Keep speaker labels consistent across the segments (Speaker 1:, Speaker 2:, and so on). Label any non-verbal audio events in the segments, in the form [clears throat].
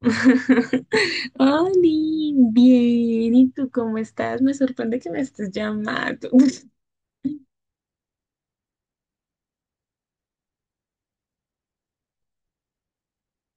Speaker 1: [laughs] Oli, bien, ¿y tú cómo estás? Me sorprende que me estés llamando. [laughs]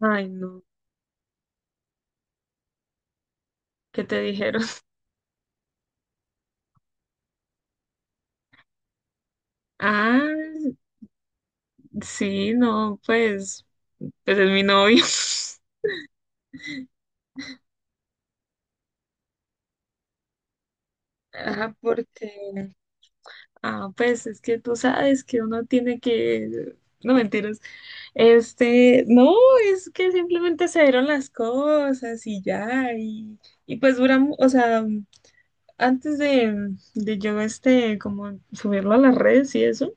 Speaker 1: Ay, no, ¿qué te dijeron? [laughs] Ah, sí, no, pues es mi novio. [laughs] Ah, porque, pues es que tú sabes que uno tiene que, no mentiras, este, no, es que simplemente se dieron las cosas y ya, y pues duramos, o sea, antes de yo, este, como subirlo a las redes y eso.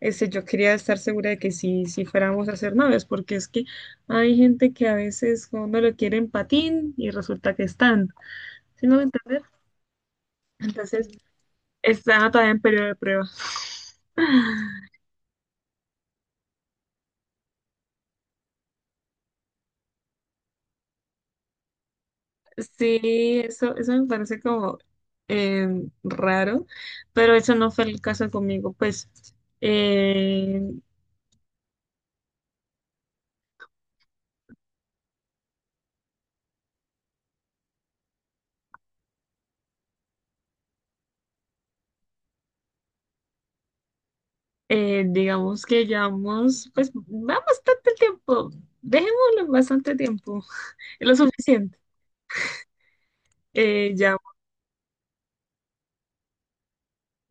Speaker 1: Este, yo quería estar segura de que sí, sí fuéramos a ser novios, porque es que hay gente que a veces uno lo quiere en patín y resulta que están. ¿Sí me voy a entender? Entonces, está todavía en periodo de prueba. [laughs] Sí, eso me parece como eh, raro, pero eso no fue el caso conmigo, pues eh, digamos que llevamos, pues va bastante tiempo, dejémoslo en bastante tiempo, lo suficiente. Ya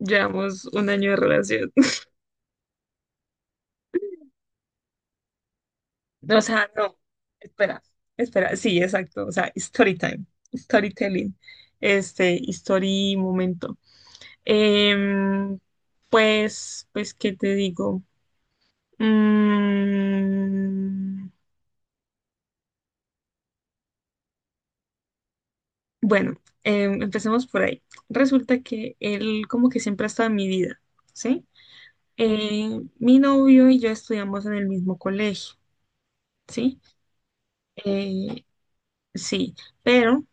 Speaker 1: llevamos un año de relación. [laughs] O sea, no. Espera, espera. Sí, exacto. O sea, story time, storytelling, story momento. Em, pues, ¿qué te digo? Mm, bueno, empecemos por ahí. Resulta que él como que siempre ha estado en mi vida, ¿sí? Mi novio y yo estudiamos en el mismo colegio, ¿sí? Eh, sí, pero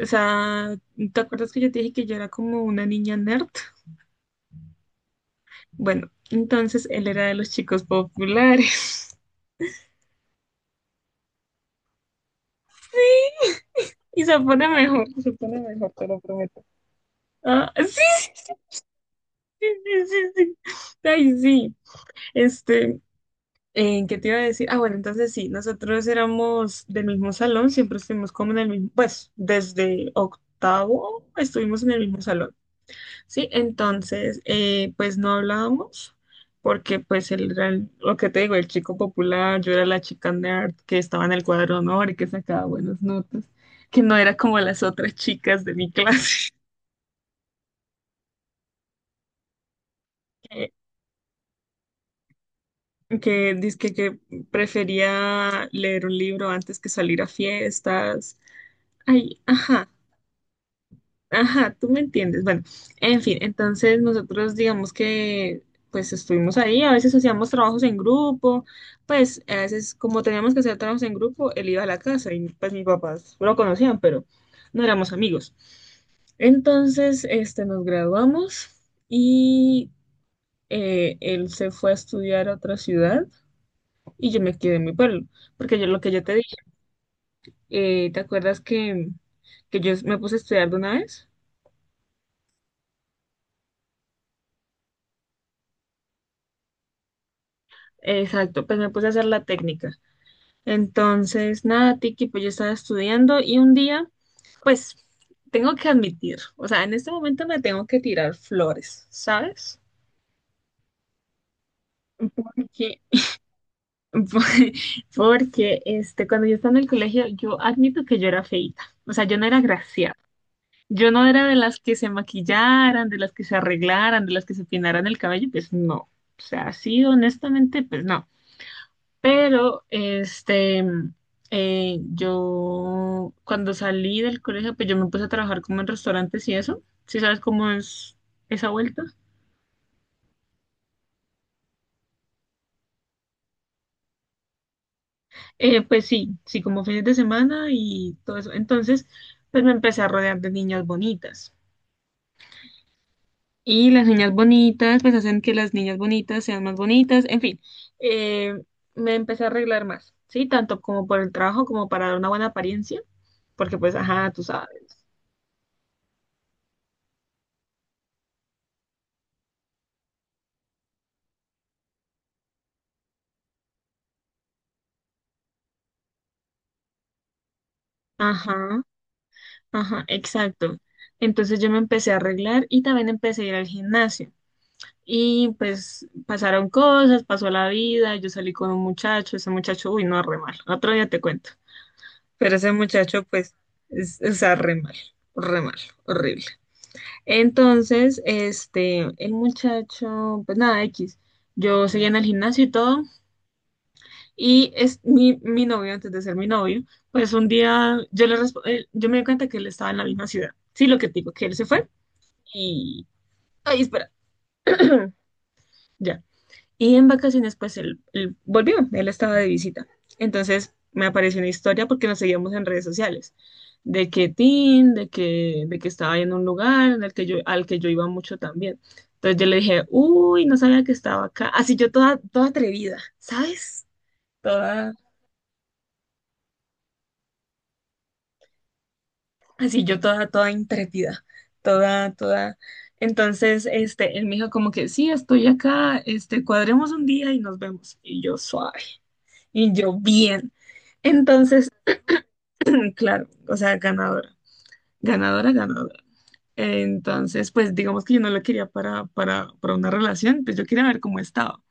Speaker 1: o sea, ¿te acuerdas que yo te dije que yo era como una niña nerd? Bueno, entonces él era de los chicos populares. [laughs] Sí, y se pone mejor, te lo prometo. Ah, sí, sí, sí, sí, sí, sí, sí. Ay, sí. Este, ¿Qué te iba a decir? Ah, bueno, entonces sí, nosotros éramos del mismo salón, siempre estuvimos como en el mismo, pues desde octavo estuvimos en el mismo salón. Sí, entonces, pues no hablábamos, porque pues él era lo que te digo, el chico popular, yo era la chica nerd que estaba en el cuadro de honor y que sacaba buenas notas, que no era como las otras chicas de mi clase, [laughs] que, que dizque que prefería leer un libro antes que salir a fiestas. Ay, ajá. Ajá, tú me entiendes. Bueno, en fin, entonces nosotros digamos que pues estuvimos ahí, a veces hacíamos trabajos en grupo, pues a veces como teníamos que hacer trabajos en grupo, él iba a la casa y pues mis papás lo conocían, pero no éramos amigos. Entonces, este, nos graduamos y él se fue a estudiar a otra ciudad y yo me quedé en mi pueblo, porque yo lo que yo te dije, ¿te acuerdas que, yo me puse a estudiar de una vez? Exacto, pues me puse a hacer la técnica. Entonces, nada, Tiki, pues yo estaba estudiando y un día, pues tengo que admitir, o sea, en este momento me tengo que tirar flores, ¿sabes? Que- [laughs] Porque cuando yo estaba en el colegio, yo admito que yo era feita, o sea, yo no era graciada. Yo no era de las que se maquillaran, de las que se arreglaran, de las que se peinaran el cabello, pues no. O sea, así honestamente, pues no. Pero, yo cuando salí del colegio, pues yo me puse a trabajar como en restaurantes y eso. ¿Sí sabes cómo es esa vuelta? Pues sí, sí, como fines de semana y todo eso. Entonces, pues me empecé a rodear de niñas bonitas. Y las niñas bonitas, pues hacen que las niñas bonitas sean más bonitas. En fin, eh, me empecé a arreglar más, ¿sí? Tanto como por el trabajo como para dar una buena apariencia. Porque pues, ajá, tú sabes. Ajá. Ajá, exacto. Entonces yo me empecé a arreglar y también empecé a ir al gimnasio. Y pues pasaron cosas, pasó la vida, yo salí con un muchacho, ese muchacho, uy, no, re mal. Otro día te cuento. Pero ese muchacho, pues, es, o sea, re mal, horrible. Entonces, este, el muchacho, pues nada, X. Yo seguía en el gimnasio y todo, y es mi novio, antes de ser mi novio, pues un día yo le yo me di cuenta que él estaba en la misma ciudad. Sí, lo que te digo, que él se fue. Y... Ay, espera. [clears throat] Ya. Y en vacaciones, pues él volvió, él estaba de visita. Entonces me apareció una historia porque nos seguíamos en redes sociales, de que Tim, de que estaba en un lugar en el que yo, al que yo iba mucho también. Entonces yo le dije, uy, no sabía que estaba acá. Así yo toda, toda atrevida, ¿sabes? Toda. Así yo toda, toda intrépida, toda, toda. Entonces, este, él me dijo como que sí, estoy acá, este, cuadremos un día y nos vemos. Y yo suave, y yo bien. Entonces, [clears throat] claro, o sea, ganadora, ganadora, ganadora. Entonces, pues digamos que yo no lo quería para una relación, pues yo quería ver cómo estaba.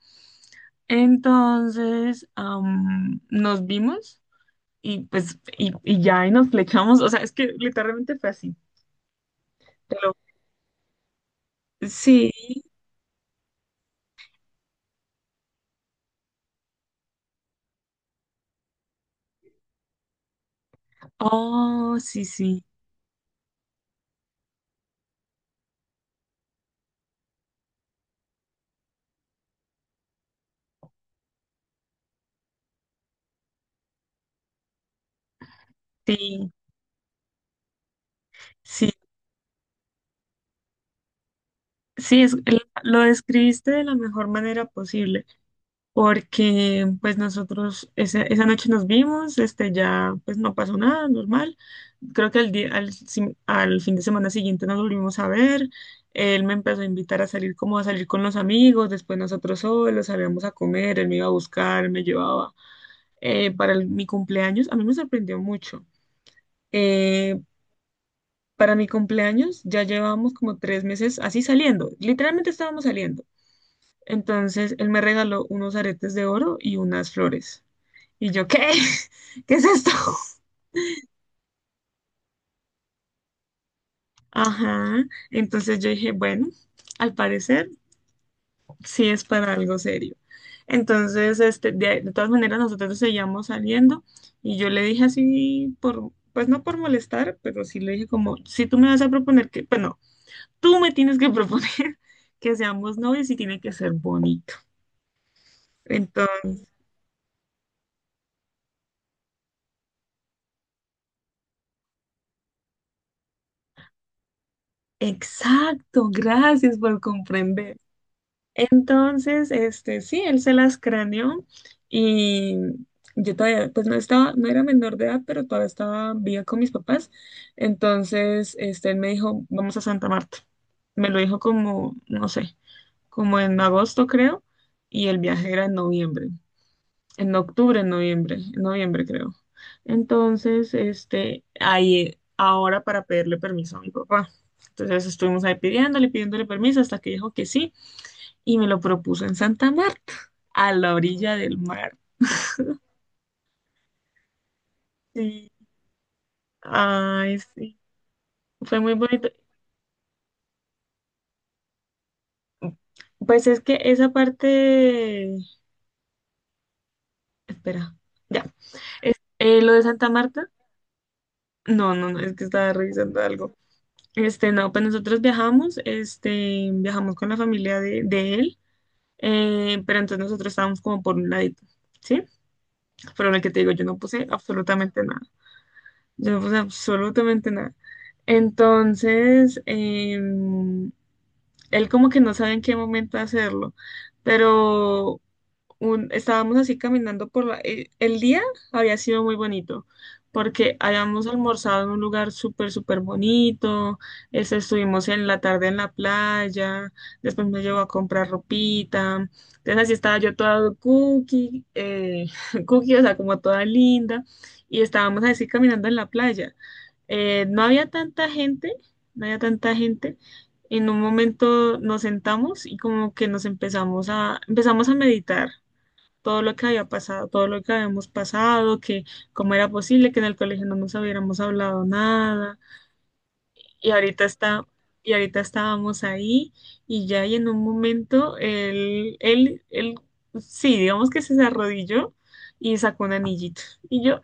Speaker 1: Entonces, nos vimos y pues, y ya, y nos flechamos, o sea, es que literalmente fue así. te lo- Sí, Oh, sí, sí, sí, sí, sí, lo describiste de la mejor manera posible, porque pues nosotros esa noche nos vimos, este ya pues no pasó nada, normal. Creo que al día, al, si- al fin de semana siguiente nos volvimos a ver, él me empezó a invitar a salir como a salir con los amigos, después nosotros solos salíamos a comer, él me iba a buscar, me llevaba para mi cumpleaños, a mí me sorprendió mucho. eh, para mi cumpleaños ya llevábamos como 3 meses así saliendo, literalmente estábamos saliendo. Entonces él me regaló unos aretes de oro y unas flores. Y yo, ¿qué? [laughs] ¿Qué es esto? [laughs] Ajá. Entonces yo dije, bueno, al parecer sí es para algo serio. Entonces, de todas maneras, nosotros seguíamos saliendo y yo le dije así, por, pues no por molestar, pero sí le dije como, si tú me vas a proponer que, pues no, tú me tienes que proponer [laughs] que seamos novios y tiene que ser bonito. Entonces, exacto, gracias por comprender. Entonces, sí, él se las craneó y yo todavía, pues no estaba, no era menor de edad, pero todavía estaba viva con mis papás. Entonces, este, él me dijo, vamos a Santa Marta. Me lo dijo como, no sé, como en agosto creo, y el viaje era en noviembre. En octubre, en noviembre creo. Entonces, ahí, ahora para pedirle permiso a mi papá. Entonces estuvimos ahí pidiéndole, pidiéndole permiso hasta que dijo que sí y me lo propuso en Santa Marta, a la orilla del mar. Sí, ay, sí, fue muy bonito. Pues es que esa parte, espera, ya. Es- lo de Santa Marta, no, no, no, es que estaba revisando algo. No, pues nosotros viajamos, viajamos con la familia de él, pero entonces nosotros estábamos como por un ladito, ¿sí? Pero lo que te digo, yo no puse absolutamente nada, yo no puse absolutamente nada. Entonces, él como que no sabe en qué momento hacerlo, pero estábamos así caminando por el día había sido muy bonito porque habíamos almorzado en un lugar súper, súper bonito, este, estuvimos en la tarde en la playa, después me llevó a comprar ropita, entonces así estaba yo toda cookie, [laughs] cookie, o sea, como toda linda, y estábamos así caminando en la playa. No había tanta gente, no había tanta gente, en un momento nos sentamos y como que nos empezamos a, empezamos a meditar todo lo que había pasado, todo lo que habíamos pasado, que cómo era posible que en el colegio no nos hubiéramos hablado nada. Y ahorita está, y ahorita estábamos ahí y ya y en un momento él, sí, digamos que se arrodilló y sacó un anillito. Y yo,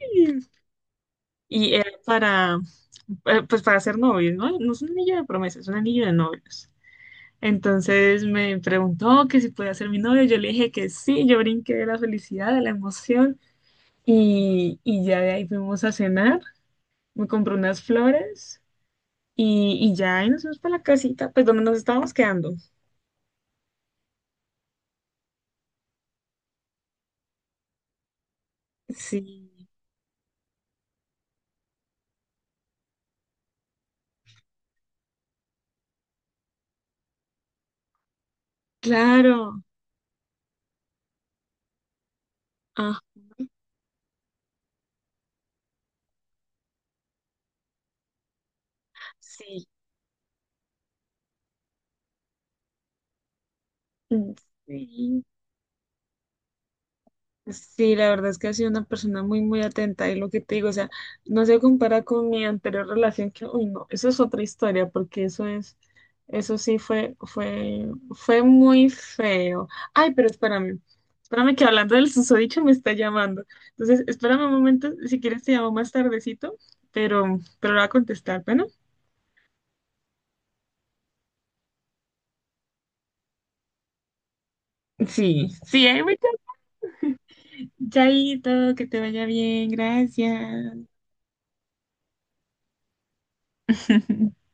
Speaker 1: ¡ay! Y era para, pues para ser novios, ¿no? No es un anillo de promesa, es un anillo de novios. Entonces me preguntó que si podía ser mi novio, yo le dije que sí, yo brinqué de la felicidad, de la emoción. Y ya de ahí fuimos a cenar, me compré unas flores y ya ahí nos fuimos para la casita, pues donde nos estábamos quedando. Sí, claro. Ah, sí. mm, Sí, Sí, la verdad es que ha sido una persona muy, muy atenta y lo que te digo, o sea, no se compara con mi anterior relación que, uy, no, eso es otra historia porque eso es, eso sí fue, fue, fue muy feo. Ay, pero espérame, espérame que hablando del susodicho me está llamando. Entonces, espérame un momento, si quieres te llamo más tardecito, pero lo voy a contestar, bueno. Sí, sí, ahí voy. Chaito, que te vaya bien, gracias. [laughs]